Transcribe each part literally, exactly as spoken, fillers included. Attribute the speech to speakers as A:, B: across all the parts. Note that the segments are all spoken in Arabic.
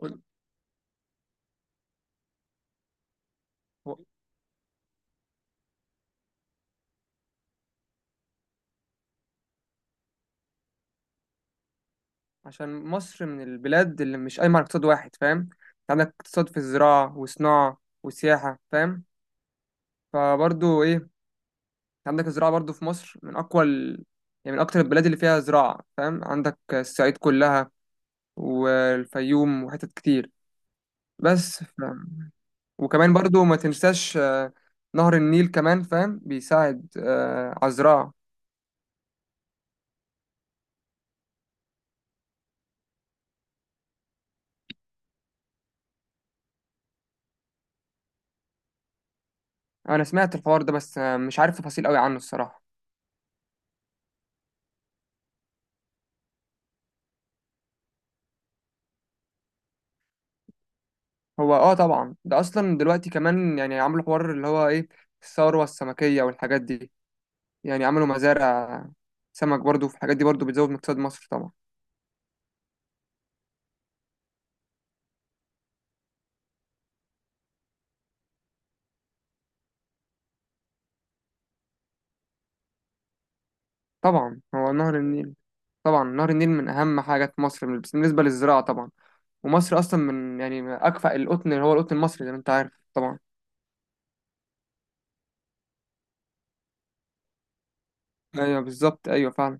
A: وال- و- عشان مصر من البلاد اللي مش قايمة على اقتصاد واحد. فاهم؟ انت عندك اقتصاد في الزراعة وصناعة وسياحة، فاهم؟ فبرضو ايه انت عندك الزراعة برضو في مصر من أقوى ال... يعني من أكتر البلاد اللي فيها زراعة، فاهم؟ عندك الصعيد كلها والفيوم وحتت كتير. بس ف... وكمان برضو ما تنساش آه، نهر النيل كمان فاهم بيساعد آه، على الزراعة. أنا سمعت الحوار ده، بس آه، مش عارف تفاصيل قوي عنه الصراحة. هو اه طبعا ده اصلا دلوقتي كمان يعني عملوا حوار اللي هو ايه، الثروه السمكيه والحاجات دي. يعني عملوا مزارع سمك، برضو في الحاجات دي برضو بتزود من اقتصاد مصر طبعا. طبعا هو نهر النيل. طبعا نهر النيل من اهم حاجه في مصر بس بالنسبه للزراعه طبعا. ومصر اصلا من يعني اكفأ القطن اللي هو القطن المصري زي ما انت عارف طبعا. ايوه بالظبط، ايوه فعلا.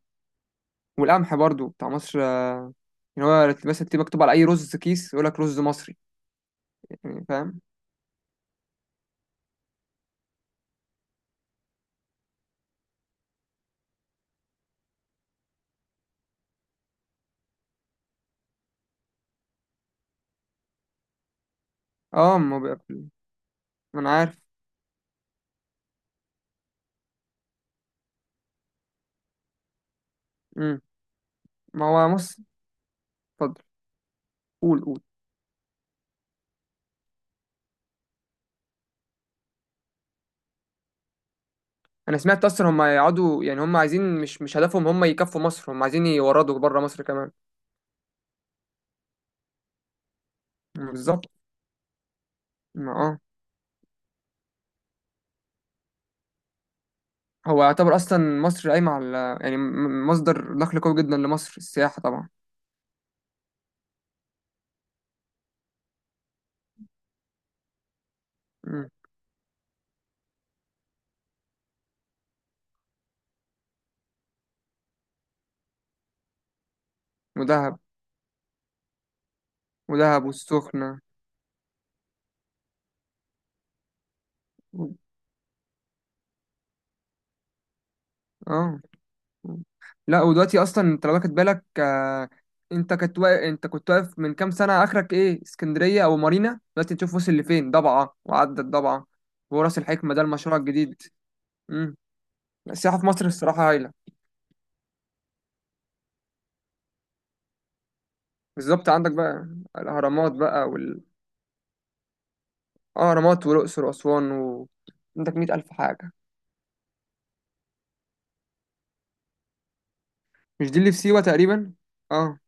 A: والقمح برضو بتاع مصر آه، يعني هو مثلا تبقى مكتوب على اي رز كيس يقول لك رز مصري. يعني فاهم. اه ما بيبقى في- ما انا عارف. امم. ما هو مصر. قول، قول. انا سمعت اصلا هم هيقعدوا يعني هم عايزين، مش مش هدفهم هم يكفوا مصر، هم عايزين يوردوا بره مصر كمان. بالظبط. ما اه. هو يعتبر اصلا مصر قايمه على يعني م- مصدر دخل قوي جدا لمصر السياحه طبعا. مم. ودهب. ودهب والسخنه. و- اه. لا ودلوقتي اصلا انت لو واخد بالك آه، انت كنت واقف انت كنت واقف من كام سنه، اخرك ايه، اسكندريه او مارينا. دلوقتي تشوف وصل لفين، ضبعه وعدت ضبعه. وراس الحكمه ده المشروع الجديد. امم. السياحه في مصر الصراحه هايله. بالظبط. عندك بقى الأهرامات بقى وال، آه، أهرامات والأقصر وأسوان و... عندك مئة ألف حاجة. مش دي اللي في سيوة تقريبا؟ اه.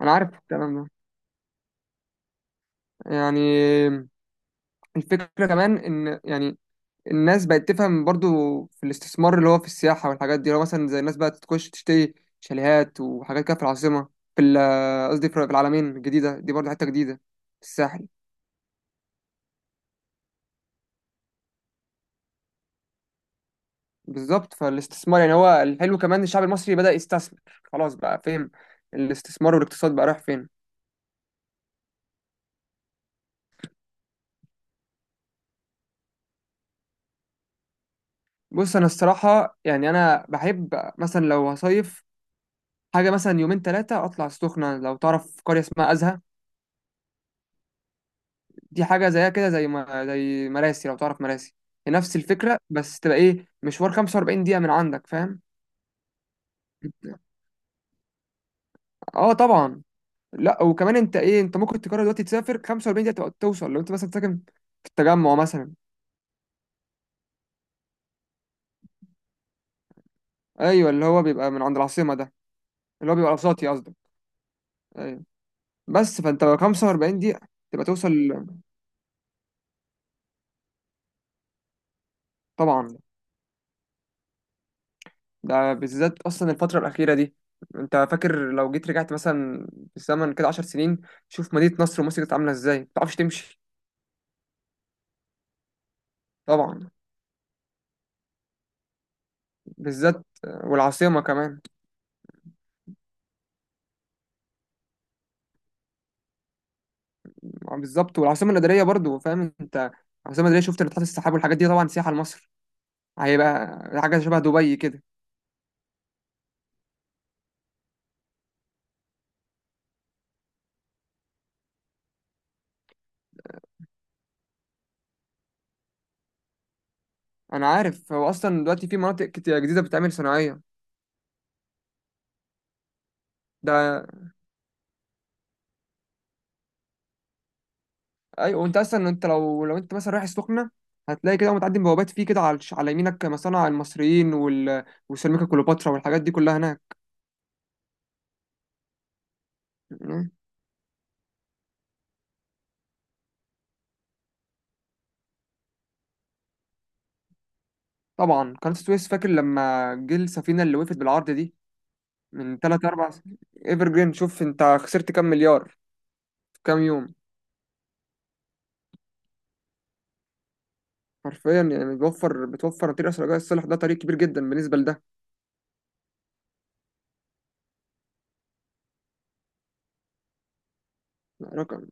A: أنا عارف الكلام ده. يعني الفكرة كمان إن يعني الناس بقت تفهم برضو في الاستثمار اللي هو في السياحة والحاجات دي. لو مثلا زي الناس بقى تخش تشتري شاليهات وحاجات كده في العاصمة، في ال- قصدي في العالمين الجديدة دي برضو حتة جديدة في الساحل. بالظبط. فالاستثمار يعني هو الحلو، كمان الشعب المصري بدأ يستثمر، خلاص بقى، فاهم، الاستثمار والاقتصاد بقى رايح فين. بص انا الصراحة يعني انا بحب مثلا لو هصيف حاجة مثلا يومين ثلاثة اطلع السخنة. لو تعرف قرية اسمها أزهى، دي حاجة زيها كده زي ما زي مراسي. لو تعرف مراسي، هي نفس الفكرة، بس تبقى ايه، مشوار خمسة وأربعين دقيقة من عندك، فاهم. اه طبعا. لا وكمان انت ايه، انت ممكن تقرر دلوقتي تسافر خمسة وأربعين دقيقة تبقى توصل، لو انت مثلا ساكن في التجمع مثلا. ايوه اللي هو بيبقى من عند العاصمة ده. اللي هو بيبقى وسطي قصدك. ايوه. بس فانت لو خمسة وأربعين دقيقة تبقى توصل. طبعا. ده بالذات اصلا الفترة الأخيرة دي، انت فاكر لو جيت رجعت مثلا بالزمن كده عشر سنين، شوف مدينة نصر ومصر كانت عاملة ازاي ما تعرفش تمشي. طبعا. بالذات. والعاصمة كمان. بالظبط، والعاصمة الإدارية برضو، فاهم انت، العاصمة الإدارية شفت ناطحات السحاب والحاجات دي طبعا سياحة لمصر. هيبقى حاجة شبه دبي كده. انا عارف، هو اصلا دلوقتي في مناطق كتير جديدة بتتعمل صناعية. ده ايوه. وانت اصلا انت لو لو انت مثلا رايح السخنه، هتلاقي كده متعدي بوابات فيه كده على على يمينك مصانع المصريين وال... وسيراميكا كليوباترا والحاجات دي كلها هناك. مم. طبعا قناه السويس، فاكر لما جه السفينه اللي وقفت بالعرض دي من تلاتة أربعة، ايفر جرين، شوف انت خسرت كام مليار في كام يوم. حرفيا يعني بتوفر بتوفر طريق اسرع. رجاء الصالح ده طريق كبير جدا بالنسبه لده. رقم.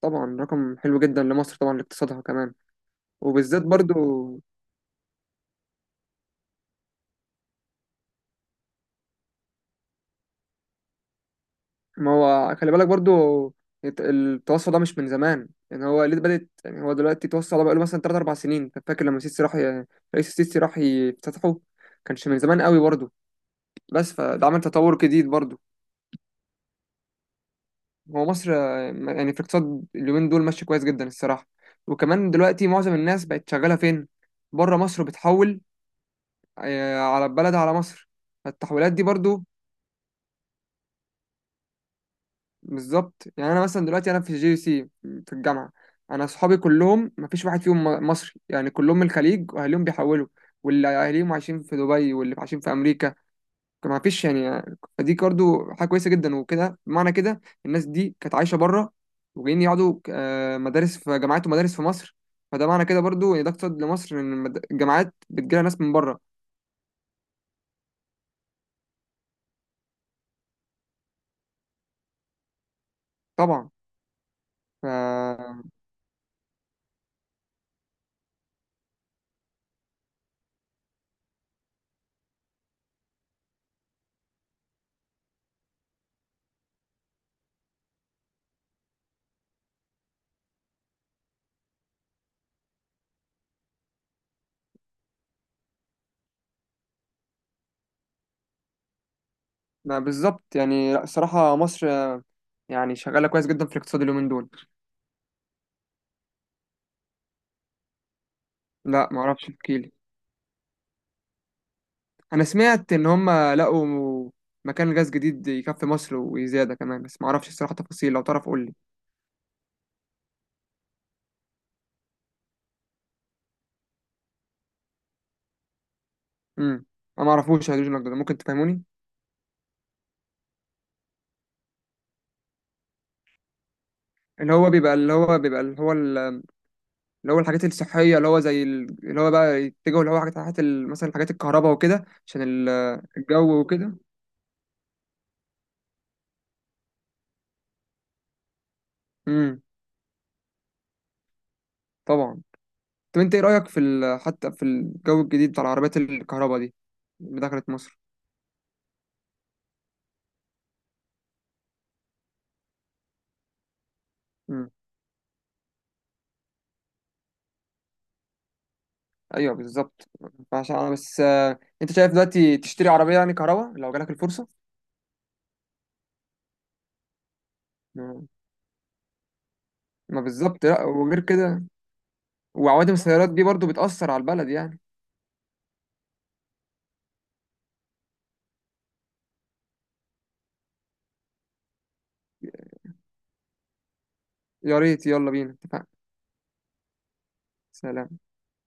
A: طبعا رقم حلو جدا لمصر طبعا، لاقتصادها كمان. وبالذات برضو. ما هو خلي بالك برضو، الت- التوسع ده مش من زمان، يعني هو ليه بدأت يعني هو دلوقتي التوسع ده بقاله مثلا تلاتة أربعة سنين. انت فاكر لما السيسي راح ي- رئيس السيسي راح يفتتحه، كانش من زمان قوي برضو. بس فده عمل تطور جديد برضو. هو مصر آه، يعني في الاقتصاد اليومين دول ماشي كويس جدا الصراحة. وكمان دلوقتي معظم الناس بقت شغالة فين، بره مصر، بتحول آه، على البلد على مصر. فالتحويلات دي برضو. بالظبط. يعني انا مثلا دلوقتي انا في جي سي في الجامعه، انا اصحابي كلهم ما فيش واحد فيهم م- مصري، يعني كلهم من الخليج واهاليهم بيحولوا، واللي اهاليهم عايشين في دبي واللي عايشين في امريكا. ما فيش يعني. فدي برضه حاجه كويسه جدا، وكده بمعنى كده الناس دي كانت عايشه بره وجايين يقعدوا آه، مدارس في جامعات ومدارس في مصر. فده معنى كده برضه ان ده اقتصاد لمصر، ان المد- الجامعات بتجيلها ناس من بره. طبعا. ف. ما بالظبط يعني. لا الصراحه مصر يعني شغاله كويس جدا في الاقتصاد اليومين دول. لا ما اعرفش، احكيلي. انا سمعت ان هم لقوا مكان غاز جديد يكفي مصر وزياده كمان، بس ما اعرفش الصراحه تفاصيل، لو تعرف قول لي. امم. انا ما اعرفوش الهيدروجين الاخضر ده، ممكن تفهموني؟ اللي هو بيبقى اللي هو بيبقى اللي هو ال- اللي هو الحاجات الصحيه، اللي هو زي ال- اللي هو بقى يتجهوا، اللي هو حاجات، حاجات ال- مثلا حاجات الكهرباء وكده عشان ال- الجو وكده. امم. طبعا. طب انت ايه رايك في ال- حتى في الجو الجديد بتاع العربيات الكهرباء دي اللي دخلت مصر. ايوه بالظبط. فعشان انا بس آه، انت شايف دلوقتي تشتري عربيه يعني كهرباء لو جالك الفرصه. ما ما بالظبط. لا وغير كده، وعوادم السيارات دي برضو بتأثر على البلد يعني. يا ريت، يلا بينا، اتفقنا. سلام.